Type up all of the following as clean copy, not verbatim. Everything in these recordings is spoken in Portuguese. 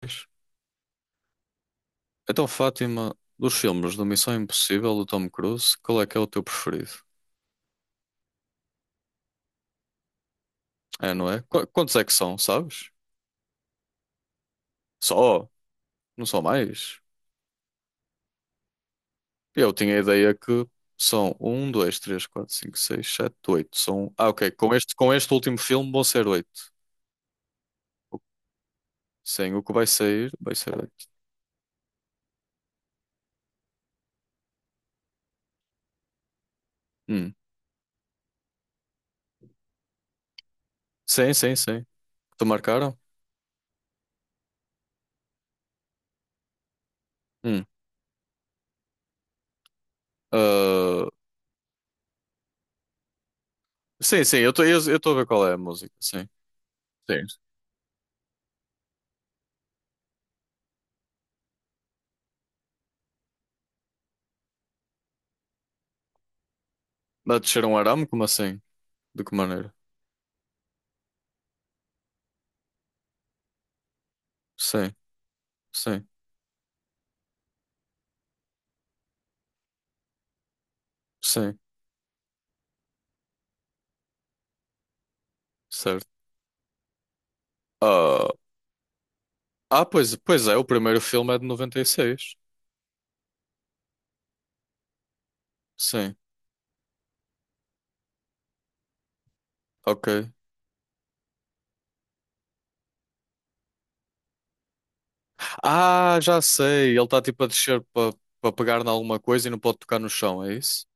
Pois. Então, Fátima, dos filmes do Missão Impossível do Tom Cruise, qual é que é o teu preferido? É, não é? Quantos é que são, sabes? Só? Não são mais? Eu tinha a ideia que são um, dois, três, quatro, cinco, seis, sete, oito. São... Ah, ok. Com este último filme vão ser oito. Sim, o que vai sair, vai ser oito. Hum. Sim, sim, sim. Te marcaram? Hum. Ah, sim, sim, eu estou a ver qual é a música, sim. Sim. A descer um arame, como assim? De que maneira? Sim, sim. Sim. Certo. Ah, ah, pois é, o primeiro filme é de 96. Sim, ok. Ah, já sei. Ele está tipo a descer para pegar em alguma coisa e não pode tocar no chão, é isso?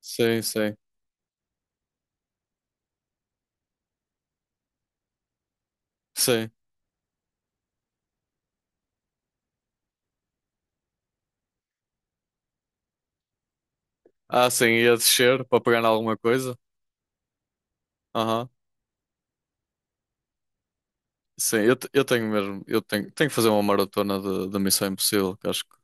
Sim, sim, sim. Ah, sim, ia descer para pegar em alguma coisa. Aham. Sim, eu, eu tenho mesmo. Eu tenho que fazer uma maratona de Missão Impossível, que acho que.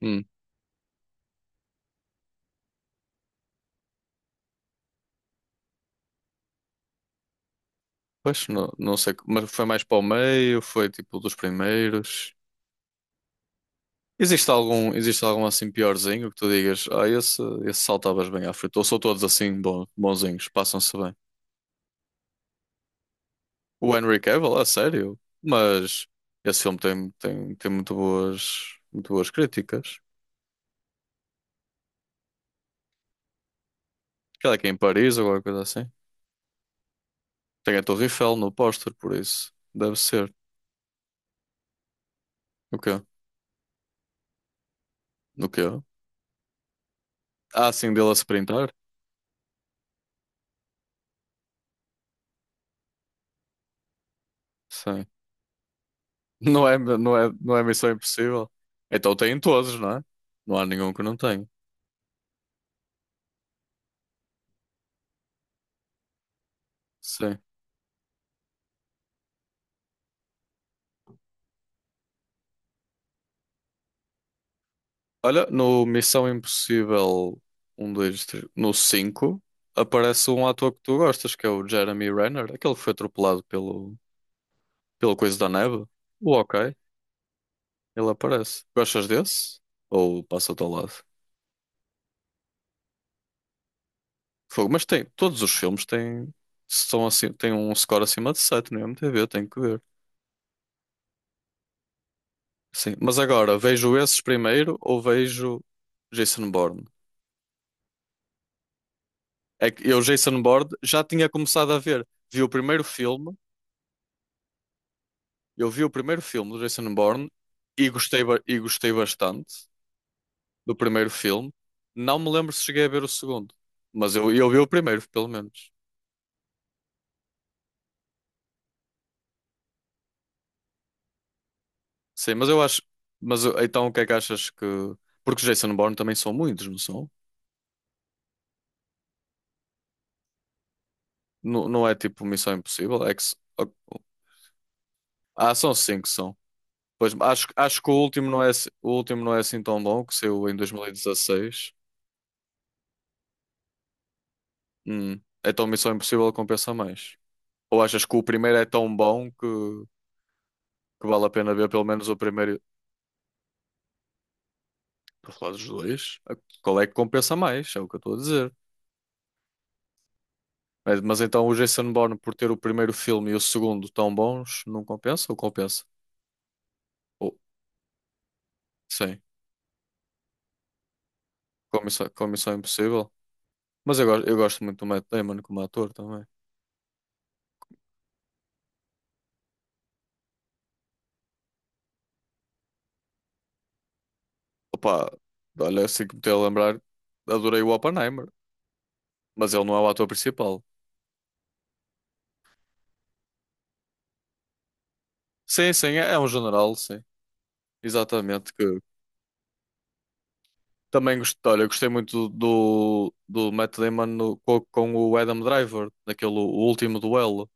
Hum, Pois, não, não sei. Mas foi mais para o meio, foi tipo dos primeiros. Existe algum assim piorzinho que tu digas, ah, esse saltavas bem à frente, ou são todos assim bonzinhos, passam-se bem. O Henry Cavill, a sério, mas esse filme tem muito boas críticas. Aquela que é em Paris ou alguma coisa assim. Tem a Torre Eiffel no póster, por isso. Deve ser. O quê? No quê? Ah, sim, dele a se printar? Sim. Não é, não é, não é Missão Impossível. Então tem em todos, não é? Não há nenhum que não tenha. Sim. Olha, no Missão Impossível um 2, 3, no 5 aparece um ator que tu gostas, que é o Jeremy Renner, aquele que foi atropelado pelo coisa da neve. O ok, ele aparece. Gostas desse? Ou passa-te ao lado? Fogo, mas tem, todos os filmes têm, são assim, têm um score acima de 7 no IMDb, tenho que ver. Sim, mas agora, vejo esses primeiro ou vejo Jason Bourne? É que eu, Jason Bourne, já tinha começado a ver. Vi o primeiro filme Eu vi o primeiro filme do Jason Bourne e gostei bastante do primeiro filme. Não me lembro se cheguei a ver o segundo, mas eu vi o primeiro, pelo menos. Sim, mas eu acho. Mas então o que é que achas que. Porque os Jason Bourne também são muitos, não são? Não, não é tipo Missão Impossível? É que... Ah, são cinco, são. Pois acho que o último não é, assim tão bom, que saiu em 2016. Então Missão Impossível compensa mais. Ou achas que o primeiro é tão bom que. Que vale a pena ver pelo menos o primeiro, para falar dos dois, qual é que compensa mais, é o que eu estou a dizer. Mas, então o Jason Bourne, por ter o primeiro filme e o segundo tão bons, não compensa ou compensa? Ou, sim, comissão comissão impossível. Mas eu, eu gosto muito do Matt Damon como ator também. Opa, olha, assim que me tenho a lembrar, adorei o Oppenheimer, mas ele não é o ator principal. Sim, sim, é um general, sim. Exatamente, que também gostei, olha, gostei muito do Matt Damon com o Adam Driver, naquele o último duelo,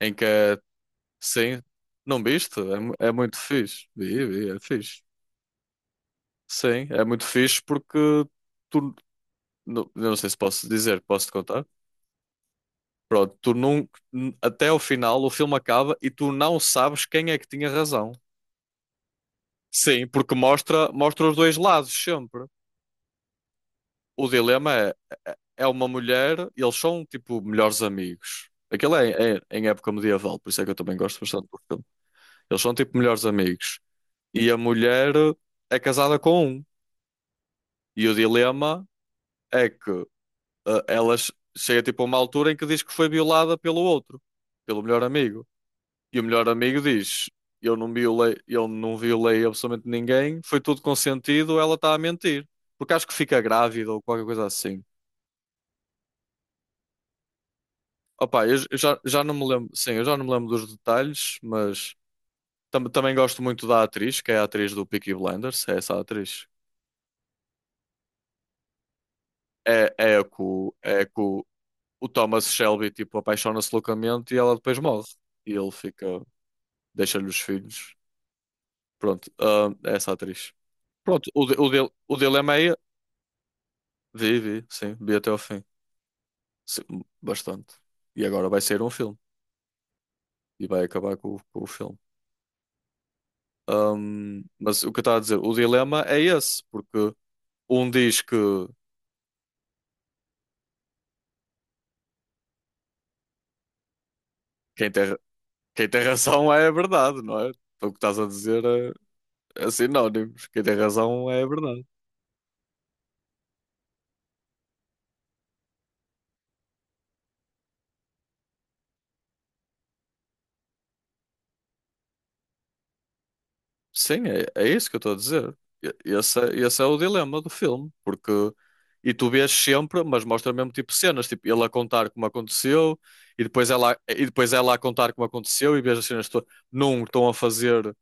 em que é, sim, não viste? É muito fixe. Vi, é fixe. Sim, é muito fixe porque tu, não, eu não sei se posso dizer, posso-te contar? Pronto, tu não, até ao final o filme acaba e tu não sabes quem é que tinha razão. Sim, porque mostra os dois lados sempre. O dilema é, é uma mulher, e eles são tipo melhores amigos. Aquilo é, é em época medieval, por isso é que eu também gosto bastante do filme. Eles são tipo melhores amigos. E a mulher é casada com um. E o dilema é que ela chega tipo a uma altura em que diz que foi violada pelo outro, pelo melhor amigo. E o melhor amigo diz: eu não violei absolutamente ninguém, foi tudo consentido, ela está a mentir. Porque acho que fica grávida ou qualquer coisa assim. Opa, eu já não me lembro, sim, eu já não me lembro dos detalhes, mas também gosto muito da atriz, que é a atriz do Peaky Blinders, é essa atriz. É a que o, Thomas Shelby, tipo, apaixona-se loucamente e ela depois morre. E ele fica, deixa-lhe os filhos. Pronto, ah, é essa atriz. Pronto, o dilema é, vi, vi, sim, vi até ao fim. Sim, bastante. E agora vai sair um filme. E vai acabar com, com o filme. Mas o que eu estava a dizer, o dilema é esse, porque um diz que quem tem, quem tem razão é a verdade, não é? Então, o que estás a dizer é, é sinónimos. Quem tem razão é a verdade. Sim, é isso que eu estou a dizer. Esse é o dilema do filme, porque e tu vês sempre, mas mostra mesmo tipo cenas, tipo ele a contar como aconteceu e depois ela a contar como aconteceu e vês as cenas num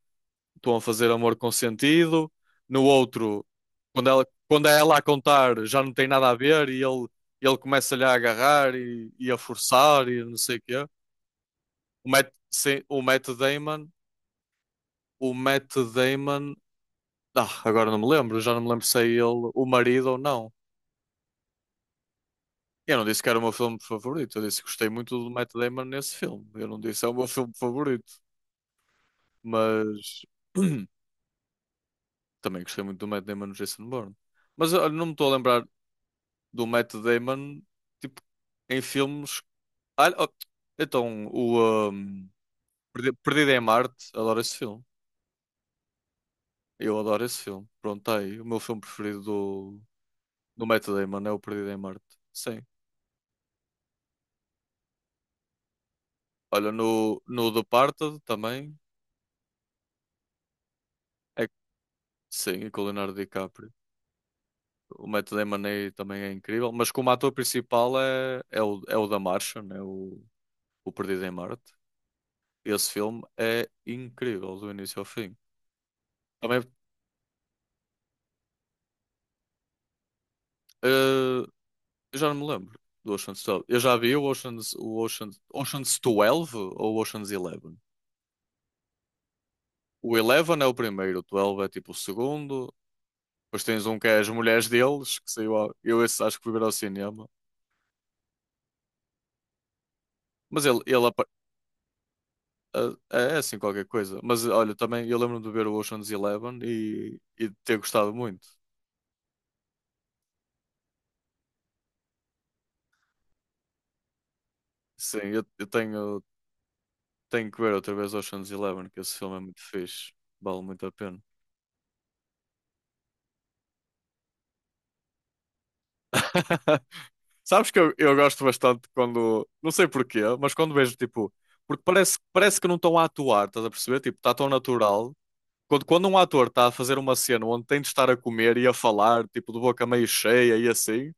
estão a fazer amor consentido. No outro, quando é ela a contar, já não tem nada a ver e ele começa-lhe a agarrar e a forçar e não sei o quê. Sim, o Matt Damon, agora não me lembro, já não me lembro se é ele o marido ou não. Eu não disse que era o meu filme favorito, eu disse que gostei muito do Matt Damon nesse filme. Eu não disse é o meu filme favorito, mas também gostei muito do Matt Damon no Jason Bourne. Mas eu não me estou a lembrar, do Matt Damon, tipo, em filmes. Ah, oh, então, Perdido em Marte, adoro esse filme. Eu adoro esse filme. Pronto, tá aí. O meu filme preferido do Matt Damon é o Perdido em Marte. Sim. Olha, no Departed também. É, sim, e com o Leonardo DiCaprio. O Matt Damon aí também é incrível, mas como ator principal é o da Martian, é o Perdido em Marte. Esse filme é incrível do início ao fim. Também, eh, eu já não me lembro do Ocean's 12. Eu já vi Ocean's 12 ou Ocean's 11. O 11 é o primeiro, o 12 é tipo o segundo. Depois tens um que é as mulheres deles, que saiu. Eu esse acho que fui ver ao cinema. Mas ele, ele apa- é assim qualquer coisa. Mas olha, também eu lembro-me de ver o Ocean's 11 e de ter gostado muito. Sim, eu tenho que ver outra vez Ocean's 11, que esse filme é muito fixe. Vale muito a pena. Sabes que eu gosto bastante quando, não sei porquê, mas quando vejo tipo, porque parece que não estão a atuar, estás a perceber? Tipo, está tão natural. Quando um ator está a fazer uma cena onde tem de estar a comer e a falar, tipo, de boca meio cheia e assim,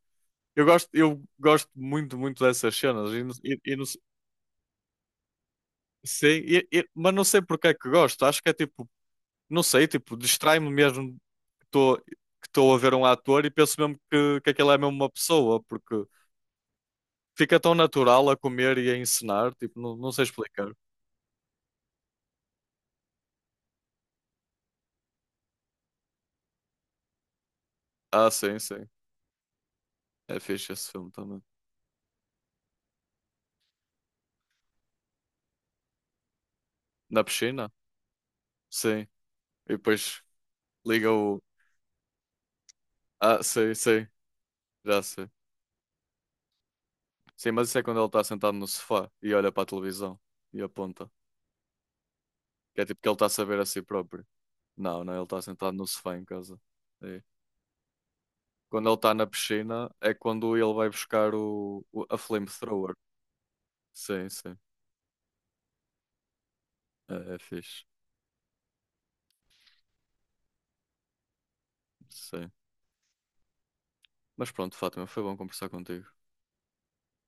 eu gosto muito, muito dessas cenas. Sim, mas não sei porque é que gosto. Acho que é tipo, não sei, tipo, distrai-me mesmo que estou que estou a ver um ator e penso mesmo que aquele é mesmo uma pessoa, porque. Fica tão natural a comer e a encenar, tipo, não, não sei explicar. Ah, sim, sim. É fixe esse filme também. Na piscina? Sim. E depois liga o. Ah, sim, sim. Já sei. Sim, mas isso é quando ele está sentado no sofá e olha para a televisão e aponta. Que é tipo que ele está a saber a si próprio. Não, não, ele está sentado no sofá em casa. É. Quando ele está na piscina é quando ele vai buscar a flamethrower. Sim, sim. É fixe. Sim. Mas pronto, Fátima, foi bom conversar contigo.